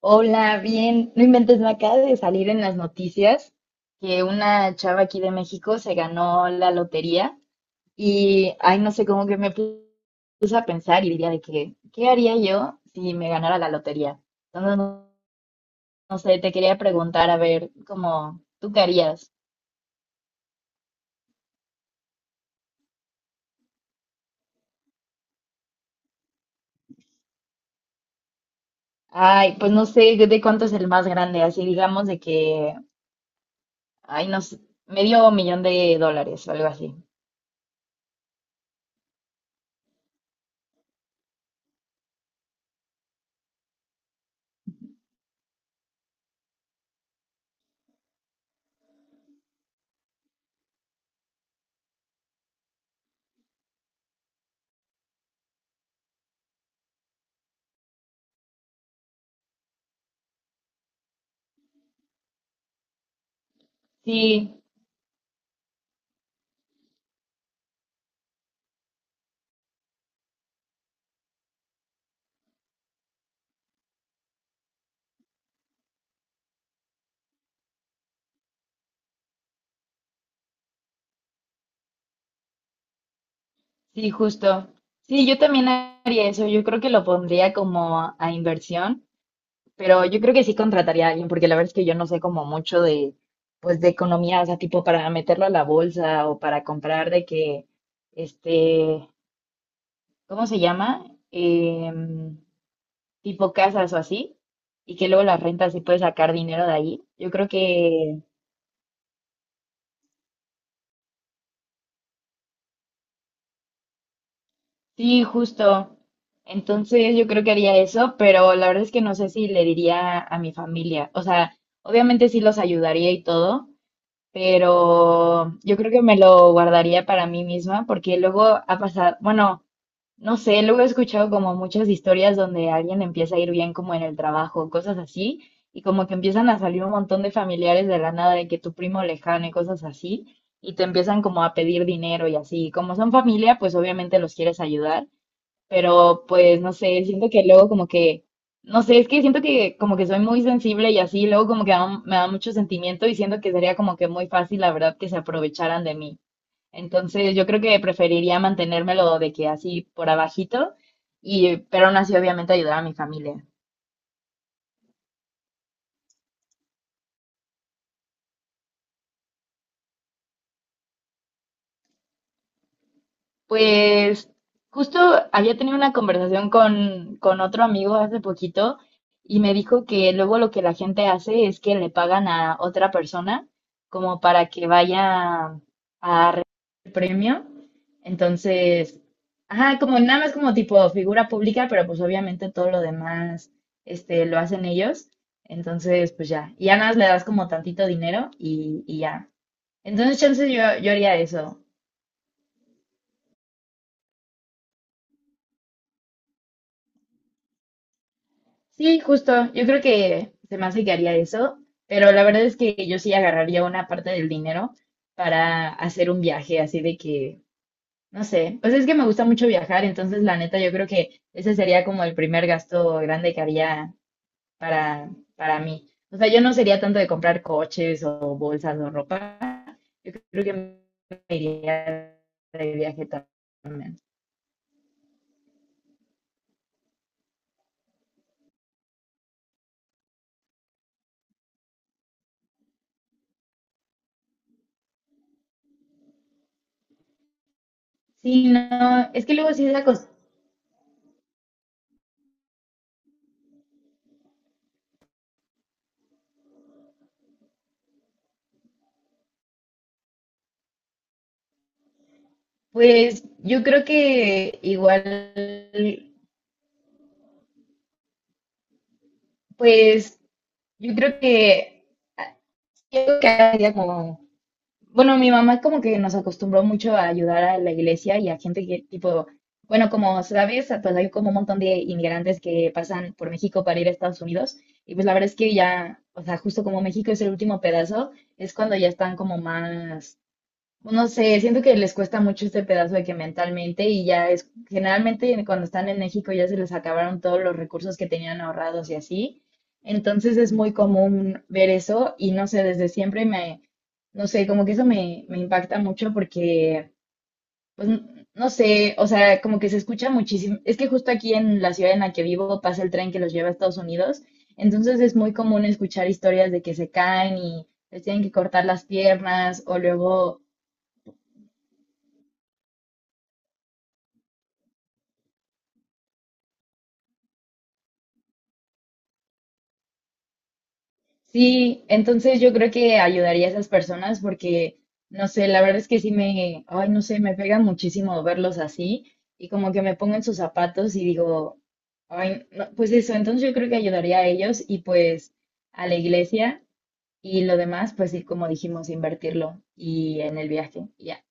Hola, bien. No inventes, me acaba de salir en las noticias que una chava aquí de México se ganó la lotería y, ay, no sé, cómo que me puse a pensar y diría de que, ¿qué haría yo si me ganara la lotería? Entonces, no, no sé, te quería preguntar, a ver, como, ¿tú qué harías? Ay, pues no sé de cuánto es el más grande, así digamos de que, ay, no sé, medio millón de dólares o algo así. Sí. Sí, justo. Sí, yo también haría eso. Yo creo que lo pondría como a inversión, pero yo creo que sí contrataría a alguien, porque la verdad es que yo no sé como mucho de, pues, de economía, o sea, tipo para meterlo a la bolsa o para comprar de que, este, ¿cómo se llama? Em, tipo casas o así, y que luego las rentas sí puedes sacar dinero de ahí. Yo creo que. Sí, justo. Entonces yo creo que haría eso, pero la verdad es que no sé si le diría a mi familia. O sea, obviamente sí los ayudaría y todo, pero yo creo que me lo guardaría para mí misma porque luego ha pasado, bueno, no sé, luego he escuchado como muchas historias donde alguien empieza a ir bien como en el trabajo, cosas así, y como que empiezan a salir un montón de familiares de la nada, de que tu primo lejano y cosas así, y te empiezan como a pedir dinero y así. Como son familia, pues obviamente los quieres ayudar. Pero pues no sé, siento que luego como que, no sé, es que siento que como que soy muy sensible y así, luego como que me da mucho sentimiento y siento que sería como que muy fácil, la verdad, que se aprovecharan de mí. Entonces yo creo que preferiría mantenérmelo de que así por abajito y, pero aún así obviamente ayudar a mi familia. Pues justo había tenido una conversación con otro amigo hace poquito y me dijo que luego lo que la gente hace es que le pagan a otra persona como para que vaya a recibir el premio. Entonces, ajá, como nada más como tipo figura pública, pero pues obviamente todo lo demás, este, lo hacen ellos. Entonces, pues ya, y ya nada más le das como tantito dinero y ya. Entonces, chance yo haría eso. Sí, justo. Yo creo que se me hace que haría eso, pero la verdad es que yo sí agarraría una parte del dinero para hacer un viaje así de que, no sé, pues es que me gusta mucho viajar, entonces la neta yo creo que ese sería como el primer gasto grande que haría para, para mí. O sea, yo no sería tanto de comprar coches o bolsas o ropa, creo que me iría de viaje también. Sí, no, es que luego sí es la cosa. Pues yo creo que igual. Pues yo creo que, ah, yo creo que ahora sería como, bueno, mi mamá como que nos acostumbró mucho a ayudar a la iglesia y a gente que tipo, bueno, como sabes, pues hay como un montón de inmigrantes que pasan por México para ir a Estados Unidos y pues la verdad es que ya, o sea, justo como México es el último pedazo, es cuando ya están como más. No sé, siento que les cuesta mucho este pedazo de que mentalmente y ya es, generalmente cuando están en México ya se les acabaron todos los recursos que tenían ahorrados y así. Entonces es muy común ver eso y no sé, desde siempre me, no sé, como que eso me impacta mucho porque, pues, no sé, o sea, como que se escucha muchísimo. Es que justo aquí en la ciudad en la que vivo pasa el tren que los lleva a Estados Unidos, entonces es muy común escuchar historias de que se caen y les tienen que cortar las piernas o luego. Sí, entonces yo creo que ayudaría a esas personas porque, no sé, la verdad es que sí me, ay, no sé, me pega muchísimo verlos así y como que me pongo en sus zapatos y digo, ay, no, pues eso, entonces yo creo que ayudaría a ellos y pues a la iglesia y lo demás, pues sí, como dijimos, invertirlo y en el viaje. Ya.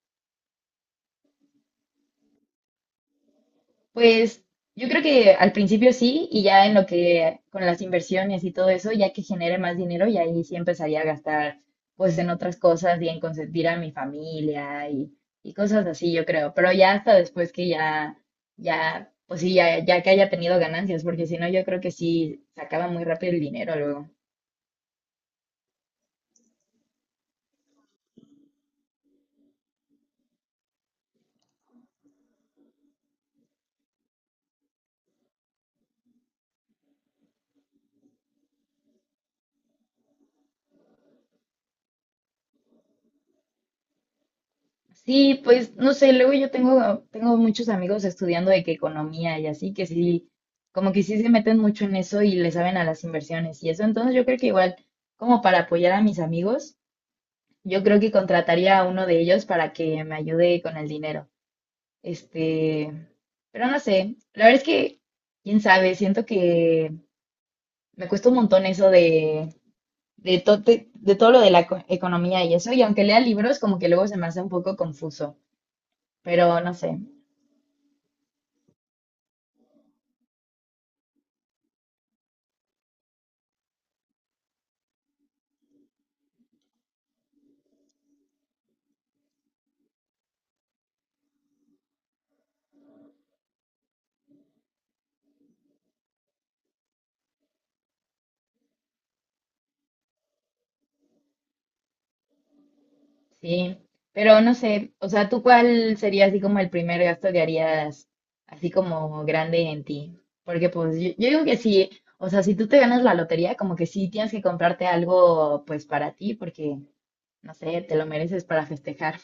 Pues yo creo que al principio sí, y ya en lo que con las inversiones y todo eso, ya que genere más dinero, y ahí sí empezaría a gastar pues en otras cosas y en consentir a mi familia y cosas así, yo creo. Pero ya hasta después que ya, ya, pues sí, ya, ya que haya tenido ganancias, porque si no, yo creo que sí se acaba muy rápido el dinero luego. Sí, pues no sé, luego yo tengo muchos amigos estudiando de que economía y así, que sí, como que sí se meten mucho en eso y le saben a las inversiones y eso. Entonces yo creo que igual, como para apoyar a mis amigos, yo creo que contrataría a uno de ellos para que me ayude con el dinero. Este, pero no sé, la verdad es que, quién sabe, siento que me cuesta un montón eso de todo lo de la economía y eso, y aunque lea libros, como que luego se me hace un poco confuso, pero no sé. Sí, pero no sé, o sea, ¿tú cuál sería así como el primer gasto que harías así como grande en ti? Porque pues yo digo que sí, o sea, si tú te ganas la lotería, como que sí tienes que comprarte algo pues para ti, porque no sé, te lo mereces para festejar.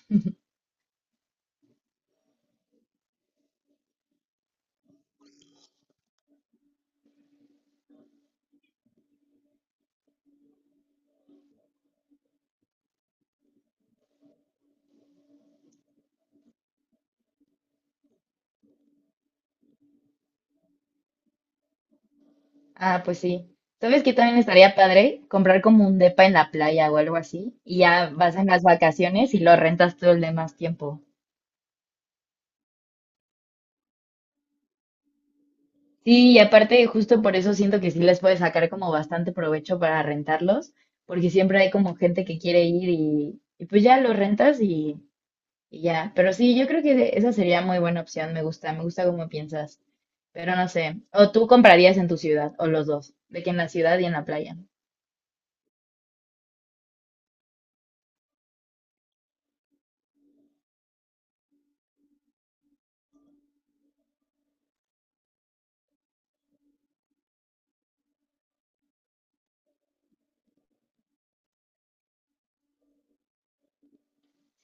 Ah, pues sí. ¿Sabes que también estaría padre? Comprar como un depa en la playa o algo así, y ya vas en las vacaciones y lo rentas todo el demás tiempo. Sí, y aparte justo por eso siento que sí les puede sacar como bastante provecho para rentarlos, porque siempre hay como gente que quiere ir y pues ya lo rentas y ya. Pero sí, yo creo que esa sería muy buena opción, me gusta cómo piensas, pero no sé. O tú comprarías en tu ciudad, o los dos, de que en la ciudad y en la playa.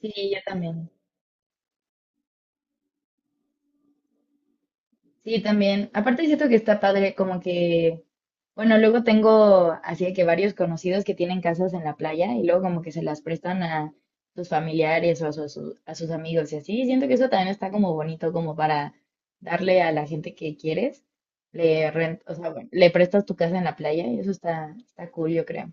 Sí, yo también. Sí, también. Aparte siento que está padre, como que, bueno, luego tengo así de que varios conocidos que tienen casas en la playa y luego como que se las prestan a sus familiares o a sus amigos y así. Siento que eso también está como bonito, como para darle a la gente que quieres, le rent, o sea, bueno, le prestas tu casa en la playa y eso está, está cool, yo creo.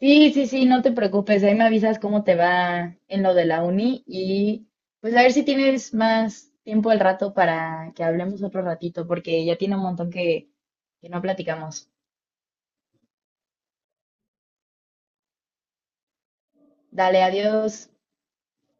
Sí, sí, sí, no te preocupes, ahí me avisas cómo te va en lo de la uni y pues a ver si tienes más tiempo al rato para que hablemos otro ratito, porque ya tiene un montón que no platicamos. Dale, adiós.